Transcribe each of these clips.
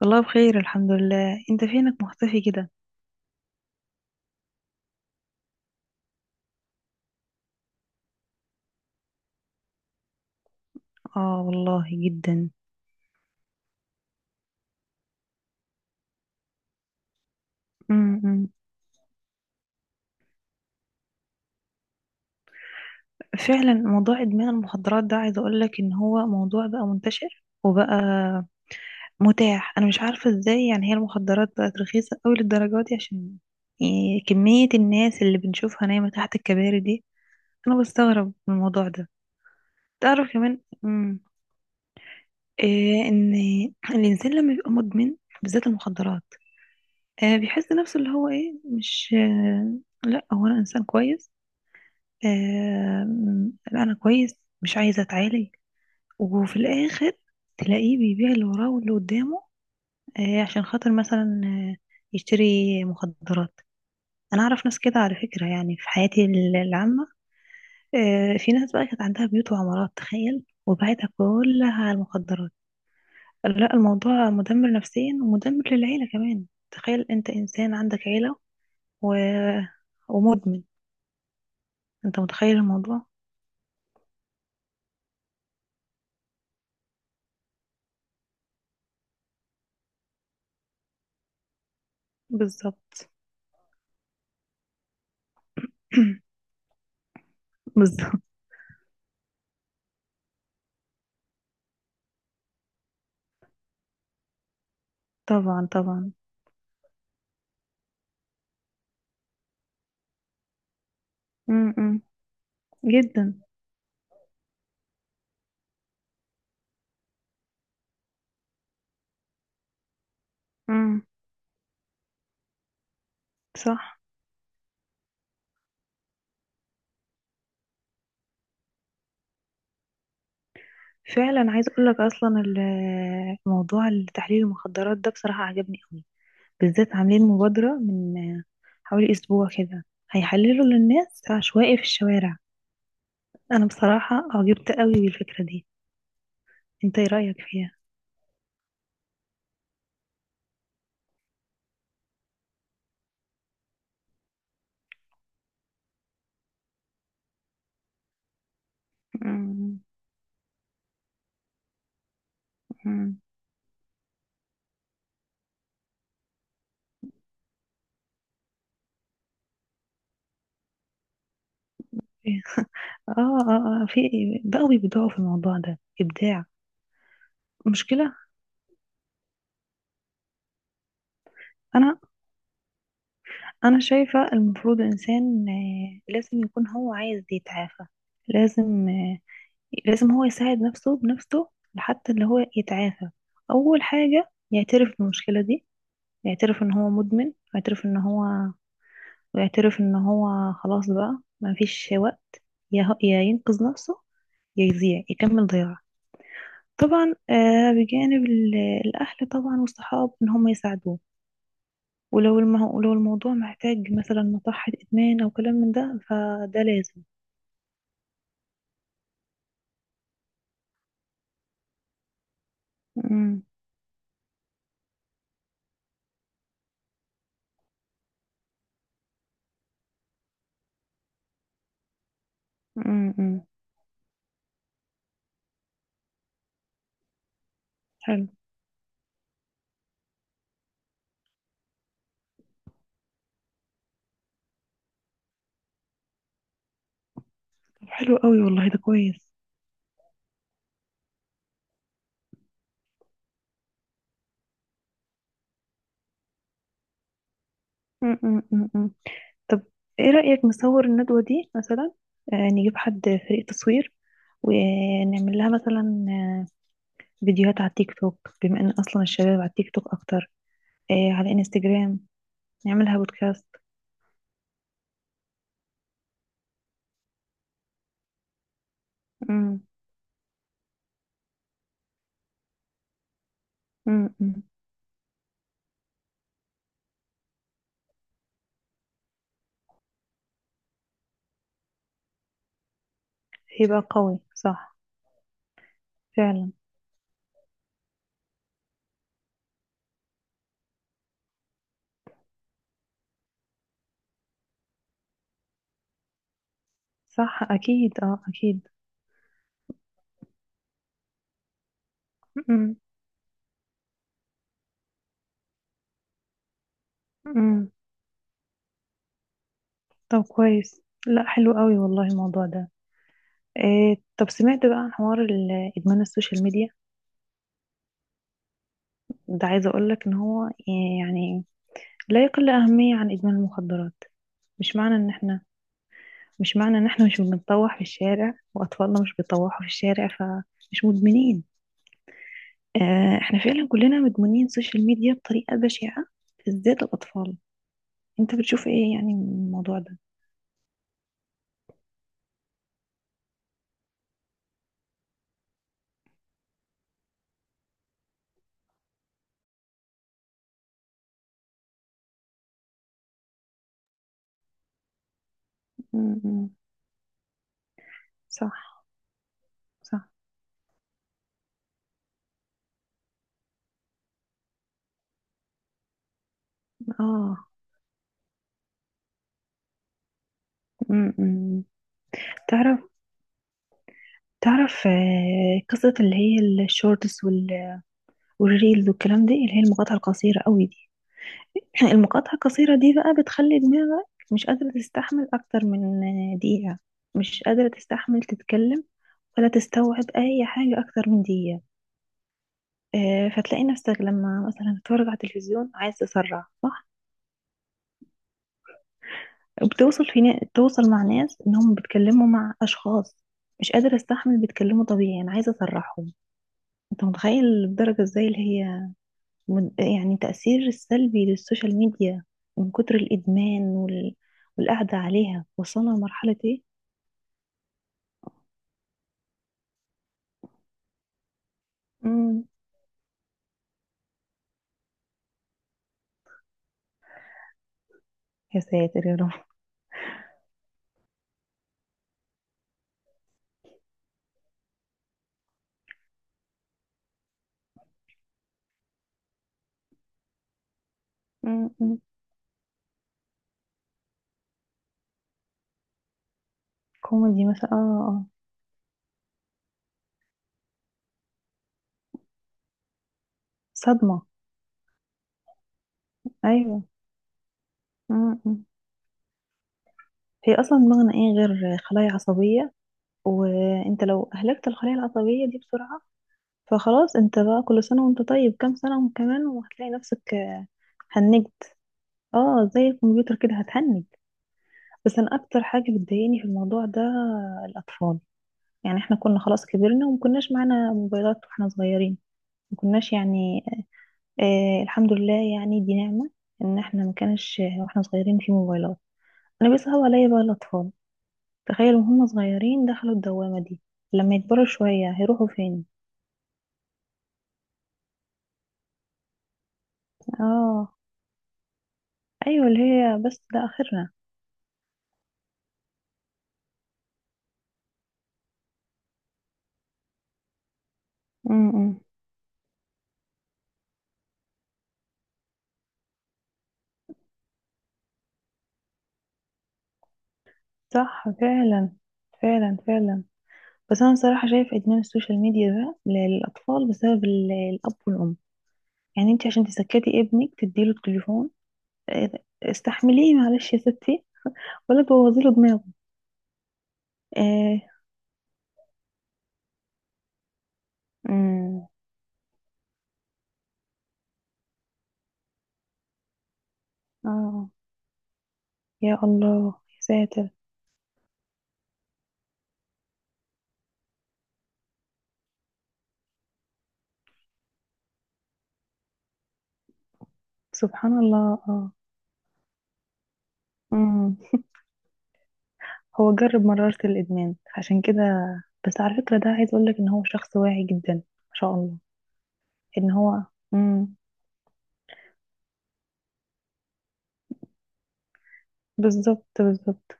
والله بخير، الحمد لله. انت فينك مختفي كده؟ اه والله جدا. امم. فعلا موضوع ادمان المخدرات ده، عايز اقول لك ان هو موضوع بقى منتشر وبقى متاح. انا مش عارفه ازاي، يعني هي المخدرات بقت رخيصه قوي للدرجه دي، عشان يعني كميه الناس اللي بنشوفها نايمه تحت الكباري دي. انا بستغرب من الموضوع ده. تعرف كمان، إيه؟ ان الانسان لما بيبقى مدمن، بالذات المخدرات، بيحس نفسه اللي هو ايه، مش لا، هو انا انسان كويس، انا كويس، مش عايزه اتعالج. وفي الاخر تلاقيه بيبيع اللي وراه واللي قدامه، عشان خاطر مثلا يشتري مخدرات. انا اعرف ناس كده على فكره، يعني في حياتي العامه، في ناس بقى كانت عندها بيوت وعمارات، تخيل، وبعتها كلها على المخدرات. لا، الموضوع مدمر نفسيا، ومدمر للعيله كمان. تخيل انت انسان عندك عيله و... ومدمن. انت متخيل الموضوع؟ بالظبط. بالظبط. طبعا طبعا. امم. جدا. امم. صح. فعلا، عايز اقول لك اصلا موضوع تحليل المخدرات ده بصراحة عجبني قوي. بالذات عاملين مبادرة من حوالي اسبوع كده، هيحللوا للناس عشوائي في الشوارع. انا بصراحة اعجبت قوي بالفكرة دي. انت ايه رأيك فيها؟ امم، امم. اه، اه، في. بقوا بيبدعوا في الموضوع ده ابداع. مشكلة. انا انا شايفة المفروض الانسان لازم يكون هو عايز يتعافى. لازم آه، لازم هو يساعد نفسه بنفسه لحتى اللي هو يتعافى. اول حاجة يعترف بالمشكلة دي، يعترف ان هو مدمن، ويعترف ان هو خلاص بقى ما فيش وقت. يا ينقذ نفسه، يا يضيع يكمل ضياع. طبعا، بجانب الاهل طبعا والصحاب، ان هم يساعدوه. ولو الموضوع محتاج مثلا مصحة إدمان أو كلام من ده، فده لازم. أمم، أمم، أمم. حلو. طب حلو قوي والله، ده كويس. أمم، أمم، أمم، أمم. طب إيه رأيك نصور الندوة دي مثلا، نجيب حد، فريق تصوير، ونعمل لها مثلا فيديوهات على التيك توك، بما إن أصلا الشباب على التيك توك أكتر، على إنستجرام، نعملها بودكاست. أمم، أمم، أمم. هيبقى قوي صح. فعلا. صح أكيد، أه، أكيد. أمم، أمم. طب كويس، لا حلو قوي والله، الموضوع ده إيه. طب سمعت بقى عن حوار ادمان السوشيال ميديا ده؟ عايزه اقول لك ان هو يعني لا يقل اهميه عن ادمان المخدرات. مش معنى ان احنا مش معنى ان احنا مش بنطوح في الشارع، واطفالنا مش بيطوحوا في الشارع، فمش مدمنين. احنا فعلا كلنا مدمنين سوشيال ميديا بطريقه بشعه، بالذات الاطفال. انت بتشوف ايه يعني من الموضوع ده؟ م. صح. صح اه. م- م. تعرف تعرف قصة اللي هي الشورتس والريلز والكلام دي، اللي هي المقاطعة القصيرة قوي دي. المقاطعة القصيرة دي بقى بتخلي دماغك مش قادرة تستحمل أكتر من دقيقة، مش قادرة تستحمل تتكلم، ولا تستوعب أي حاجة أكتر من دقيقة. فتلاقي نفسك لما مثلا تتفرج على التلفزيون، عايز تسرع، صح؟ توصل مع ناس إنهم بيتكلموا مع أشخاص، مش قادرة استحمل بيتكلموا طبيعي، أنا عايزة أسرحهم. أنت متخيل الدرجة إزاي اللي هي يعني تأثير السلبي للسوشيال ميديا، من كتر الإدمان والقعدة عليها وصلنا لمرحلة إيه؟ مم. يا ساتر يا رب. مم. مم. كوميدي مثلا. صدمة. أيوة. مم. مم. هي أصلا دماغنا إيه غير خلايا عصبية، وأنت لو أهلكت الخلايا العصبية دي بسرعة، فخلاص. أنت بقى كل سنة وأنت طيب، كام سنة كمان وهتلاقي نفسك هنجت. زي الكمبيوتر كده هتهنج. بس أنا أكتر حاجة بتضايقني في الموضوع ده الأطفال. يعني احنا كنا خلاص كبرنا وما كناش معانا موبايلات واحنا صغيرين، ما كناش يعني، الحمد لله، يعني دي نعمة ان احنا ما كانش واحنا صغيرين في موبايلات. انا بيصعب عليا بقى الاطفال، تخيلوا وهم صغيرين دخلوا الدوامة دي، لما يكبروا شوية هيروحوا فين؟ اه، ايوه، اللي هي بس ده اخرنا. امم. صح، فعلا فعلا فعلا. بس انا صراحة شايف ادمان السوشيال ميديا ده للاطفال بسبب الاب والام. يعني انت عشان تسكتي ابنك تديله التليفون، آه، استحمليه معلش يا ستي، ولا تبوظي له دماغه. آه. امم. اه. يا الله يا ساتر. سبحان الله اه. امم. هو جرب مرارة الإدمان عشان كده، بس على فكرة ده عايز أقولك إن هو شخص واعي جدا ما شاء الله، إن هو. امم. بالظبط بالظبط.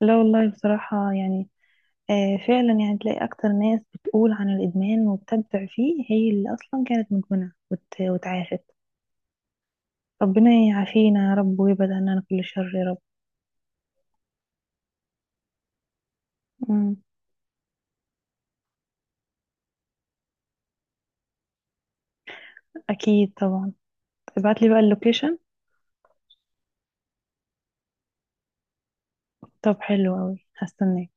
لا والله بصراحة يعني، فعلا يعني تلاقي أكتر ناس بتقول عن الإدمان وبتبدع فيه هي اللي أصلا كانت مدمنة وتعافت. ربنا يعافينا يا رب، ويبعد عننا كل شر يا رب. مم. اكيد طبعا. ابعت لي بقى اللوكيشن. طب حلو قوي هستناك.